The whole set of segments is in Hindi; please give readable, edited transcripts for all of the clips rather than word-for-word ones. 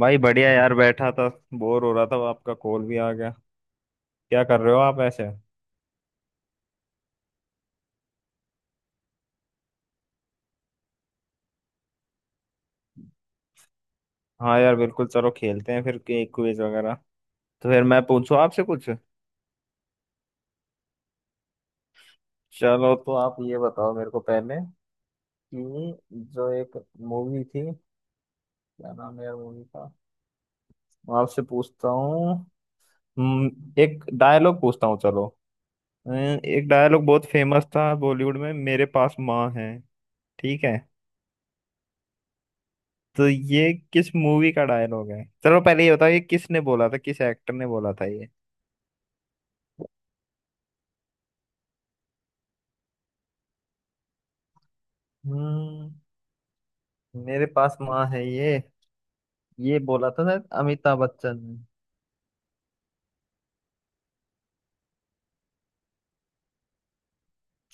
भाई, बढ़िया यार बैठा था। बोर हो रहा था, आपका कॉल भी आ गया। क्या कर रहे हो आप ऐसे? हाँ यार, बिल्कुल चलो खेलते हैं फिर एक क्विज वगैरह। तो फिर मैं पूछूं आपसे कुछ? चलो, तो आप ये बताओ मेरे को पहले कि जो एक मूवी थी, क्या नाम है यार मूवी का? मैं आपसे पूछता हूँ। हम्म, एक डायलॉग पूछता हूँ चलो। अम, एक डायलॉग बहुत फेमस था बॉलीवुड में, मेरे पास माँ है। ठीक है। तो ये किस मूवी का डायलॉग है? चलो पहले ये बताओ, ये किसने बोला था, किस एक्टर ने बोला था ये? हम्म। मेरे पास माँ है ये बोला था शायद अमिताभ बच्चन ने।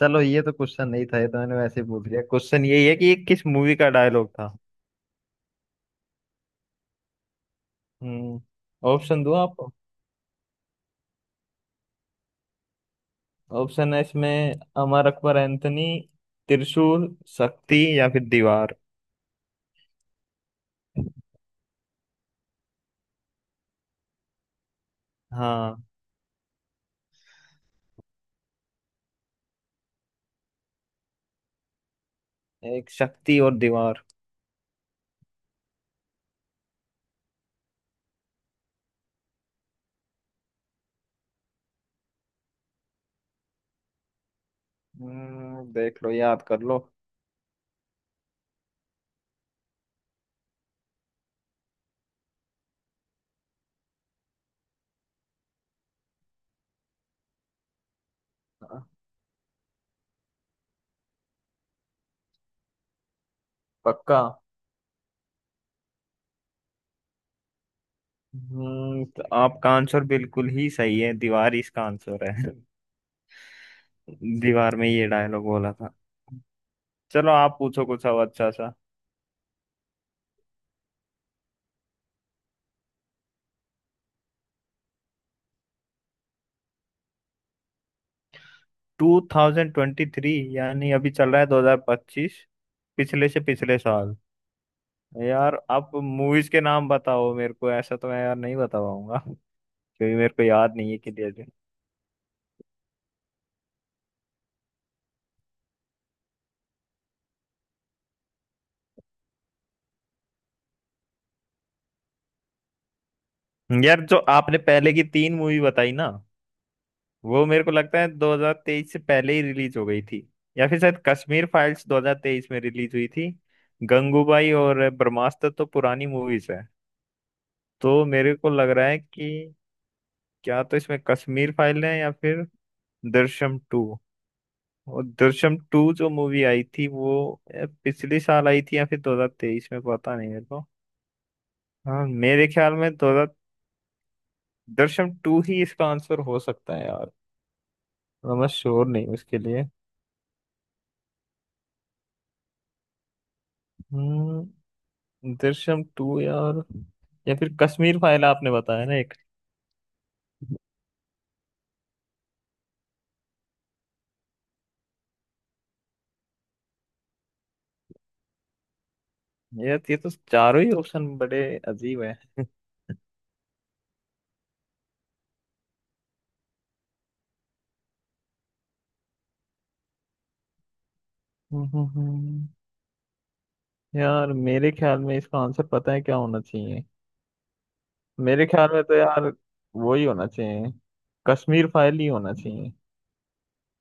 चलो, ये तो क्वेश्चन नहीं था, ये तो मैंने वैसे ही पूछ लिया। क्वेश्चन यही है कि ये किस मूवी का डायलॉग था। हम्म। ऑप्शन दो आप। ऑप्शन है इसमें अमर अकबर एंथनी, त्रिशूल, शक्ति या फिर दीवार। हाँ, एक शक्ति और दीवार। हम्म। देख लो, याद कर लो। हाँ, पक्का? तो आपका आंसर बिल्कुल ही सही है, दीवार इसका आंसर है। दीवार में ये डायलॉग बोला था। चलो आप पूछो कुछ अब अच्छा सा। 2023? यानी अभी चल रहा है 2025, पिछले से पिछले साल। यार आप मूवीज के नाम बताओ मेरे को, ऐसा तो मैं यार नहीं बता पाऊंगा, क्योंकि मेरे को याद नहीं है कि। यार जो आपने पहले की तीन मूवी बताई ना, वो मेरे को लगता है 2023 से पहले ही रिलीज हो गई थी। या फिर शायद कश्मीर फाइल्स 2023 में रिलीज हुई थी। गंगूबाई और ब्रह्मास्त्र तो पुरानी मूवीज है। तो मेरे को लग रहा है कि। क्या तो इसमें कश्मीर फाइल है या फिर दृश्यम टू। और दृश्यम टू जो मूवी आई थी वो पिछले साल आई थी या फिर 2023 में, पता नहीं मेरे को। हाँ, मेरे ख्याल में 2000। दृश्यम टू ही इसका आंसर हो सकता है यार, तो मैं श्योर नहीं हूँ इसके लिए। हम्म दृश्यम टू यार, या फिर कश्मीर फाइल आपने बताया ना एक। यार ये तो चारों ही ऑप्शन बड़े अजीब है। हम्म, हम्म, हम्म। यार मेरे ख्याल में इसका आंसर पता है क्या होना चाहिए? मेरे ख्याल में तो यार वो ही होना चाहिए, कश्मीर फाइल ही होना चाहिए।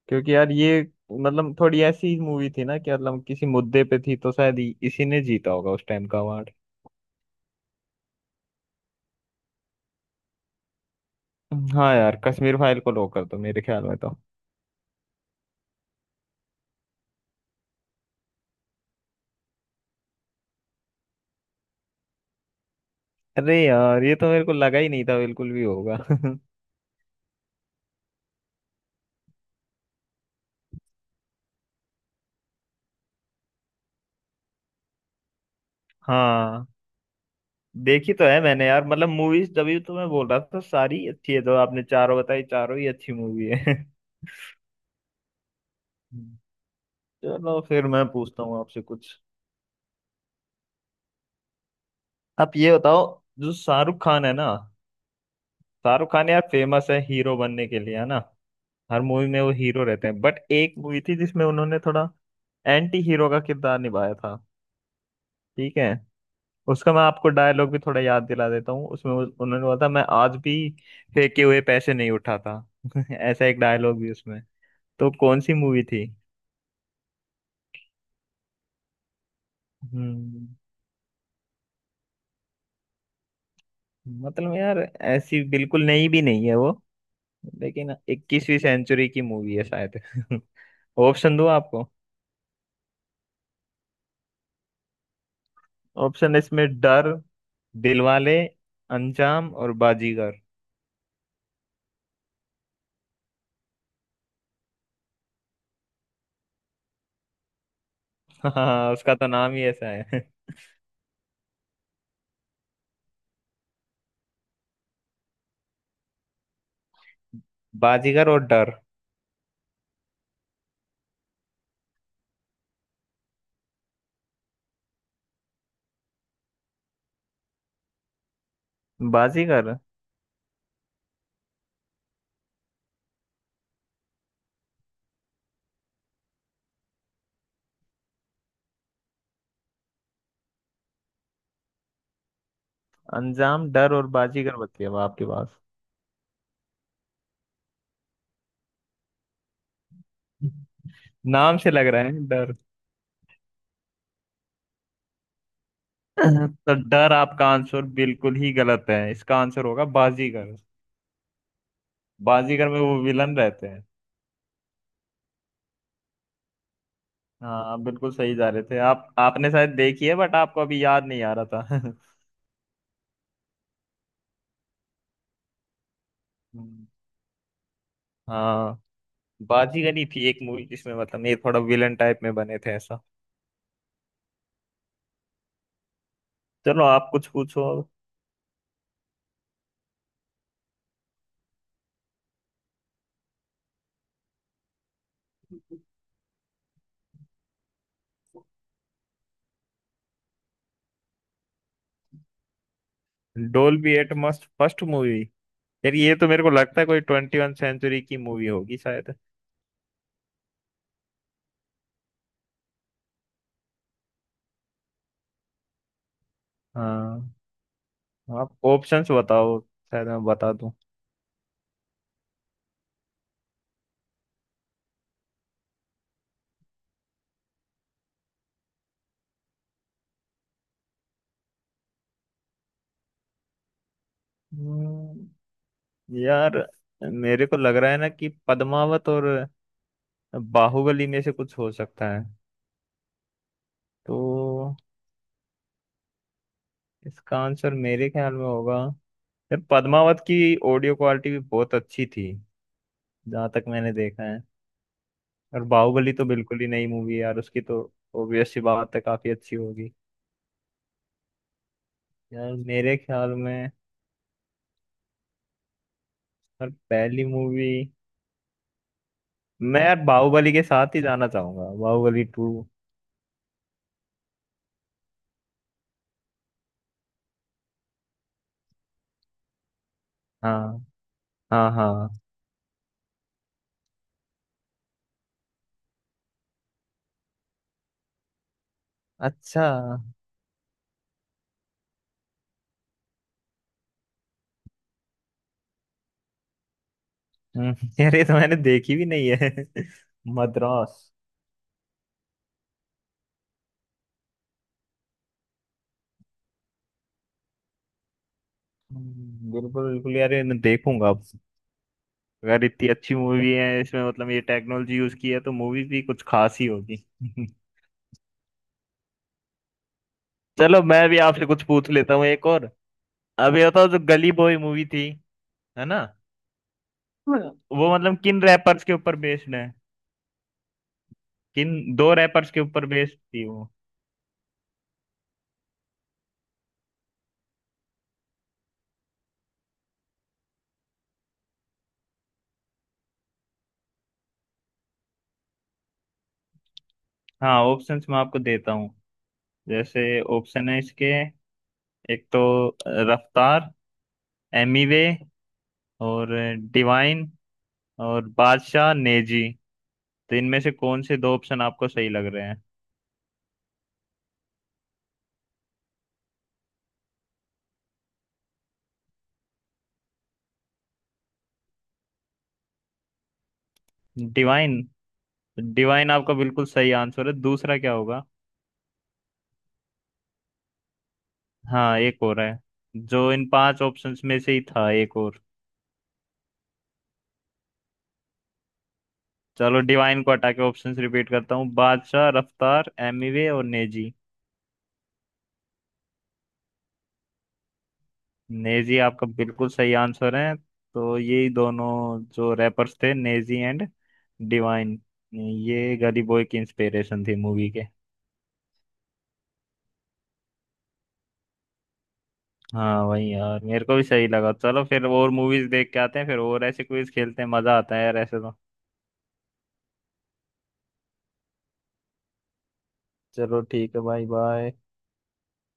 क्योंकि यार ये मतलब थोड़ी ऐसी मूवी थी ना कि मतलब किसी मुद्दे पे थी, तो इसी ने जीता होगा उस टाइम का अवार्ड। हाँ यार, कश्मीर फाइल को लॉक कर दो मेरे ख्याल में तो। अरे यार, ये तो मेरे को लगा ही नहीं था बिल्कुल भी होगा। हाँ। देखी तो है मैंने यार मतलब मूवीज, तभी तो मैं बोल रहा था सारी अच्छी है, तो आपने चारों बताई, चारों ही अच्छी मूवी है। हम्म। चलो फिर मैं पूछता हूँ आपसे कुछ। आप ये बताओ, जो शाहरुख खान है ना। शाहरुख खान यार फेमस है हीरो बनने के लिए, है ना? हर मूवी में वो हीरो रहते हैं, बट एक मूवी थी जिसमें उन्होंने थोड़ा एंटी हीरो का किरदार निभाया था। ठीक है। उसका मैं आपको डायलॉग भी थोड़ा याद दिला देता हूँ उसमें, उन्होंने बोला था मैं आज भी फेंके हुए पैसे नहीं उठाता। ऐसा एक डायलॉग भी उसमें। तो कौन सी मूवी थी? हम्म मतलब यार ऐसी बिल्कुल नई भी नहीं है वो, लेकिन 21वीं सेंचुरी की मूवी है शायद। ऑप्शन दो आपको। ऑप्शन इसमें डर, दिलवाले, अंजाम और बाजीगर। हाँ, उसका तो नाम ही ऐसा है। बाजीगर और डर, बाजीगर। अंजाम, डर और बाजीगर बची है अब आपके पास। नाम से लग रहा है डर। तो डर आपका आंसर बिल्कुल ही गलत है, इसका आंसर होगा बाजीगर। बाजीगर में वो विलन रहते हैं। हाँ, आप बिल्कुल सही जा रहे थे, आप आपने शायद देखी है, बट आपको अभी याद नहीं आ रहा था। हम्म। हाँ, बाजीगर ही थी एक मूवी जिसमें मतलब ये थोड़ा विलन टाइप में बने थे ऐसा। चलो आप कुछ पूछो। Dolby Atmos first movie? यार ये तो मेरे को लगता है कोई ट्वेंटी वन सेंचुरी की मूवी होगी शायद। हाँ, आप ऑप्शंस बताओ, शायद मैं बता दूं। हम्म, यार मेरे को लग रहा है ना कि पद्मावत और बाहुबली में से कुछ हो सकता है तो। इसका आंसर मेरे ख्याल में होगा। यार पद्मावत की ऑडियो क्वालिटी भी बहुत अच्छी थी जहाँ तक मैंने देखा है। और बाहुबली तो बिल्कुल ही नई मूवी है यार, उसकी तो ऑब्वियस सी बात है, काफी अच्छी होगी। यार मेरे ख्याल में। यार पहली मूवी, मैं यार बाहुबली के साथ ही जाना चाहूंगा, बाहुबली टू। हाँ, हाँ, हाँ। अच्छा। यार ये तो मैंने देखी भी नहीं है। मद्रास। बिल्कुल बिल्कुल यार, ये मैं देखूंगा। अगर इतनी अच्छी मूवी है इसमें, मतलब ये टेक्नोलॉजी यूज की है, तो मूवीज भी कुछ खास ही होगी। चलो मैं भी आपसे कुछ पूछ लेता हूँ एक और। अब ये बताओ, जो गली बॉय मूवी थी, है ना? वो मतलब किन रैपर्स के ऊपर बेस्ड है? किन दो रैपर्स के ऊपर बेस्ड थी वो? हाँ, ऑप्शंस मैं आपको देता हूँ। जैसे ऑप्शन है इसके, एक तो रफ्तार, एमीवे और डिवाइन, और बादशाह, नेजी। तो इनमें से कौन से दो ऑप्शन आपको सही लग रहे हैं? डिवाइन। डिवाइन आपका बिल्कुल सही आंसर है, दूसरा क्या होगा? हाँ, एक और है, जो इन पांच ऑप्शंस में से ही था एक और। चलो डिवाइन को हटा के ऑप्शंस रिपीट करता हूँ, बादशाह, रफ्तार, एमिवे और नेजी। नेजी आपका बिल्कुल सही आंसर है। तो यही दोनों जो रैपर्स थे नेजी एंड डिवाइन, ये गली बॉय की इंस्पिरेशन थी मूवी के। हाँ वही यार, मेरे को भी सही लगा। चलो फिर और मूवीज देख के आते हैं, फिर और ऐसे क्विज खेलते हैं, मजा आता है यार ऐसे तो। चलो ठीक है भाई, बाय।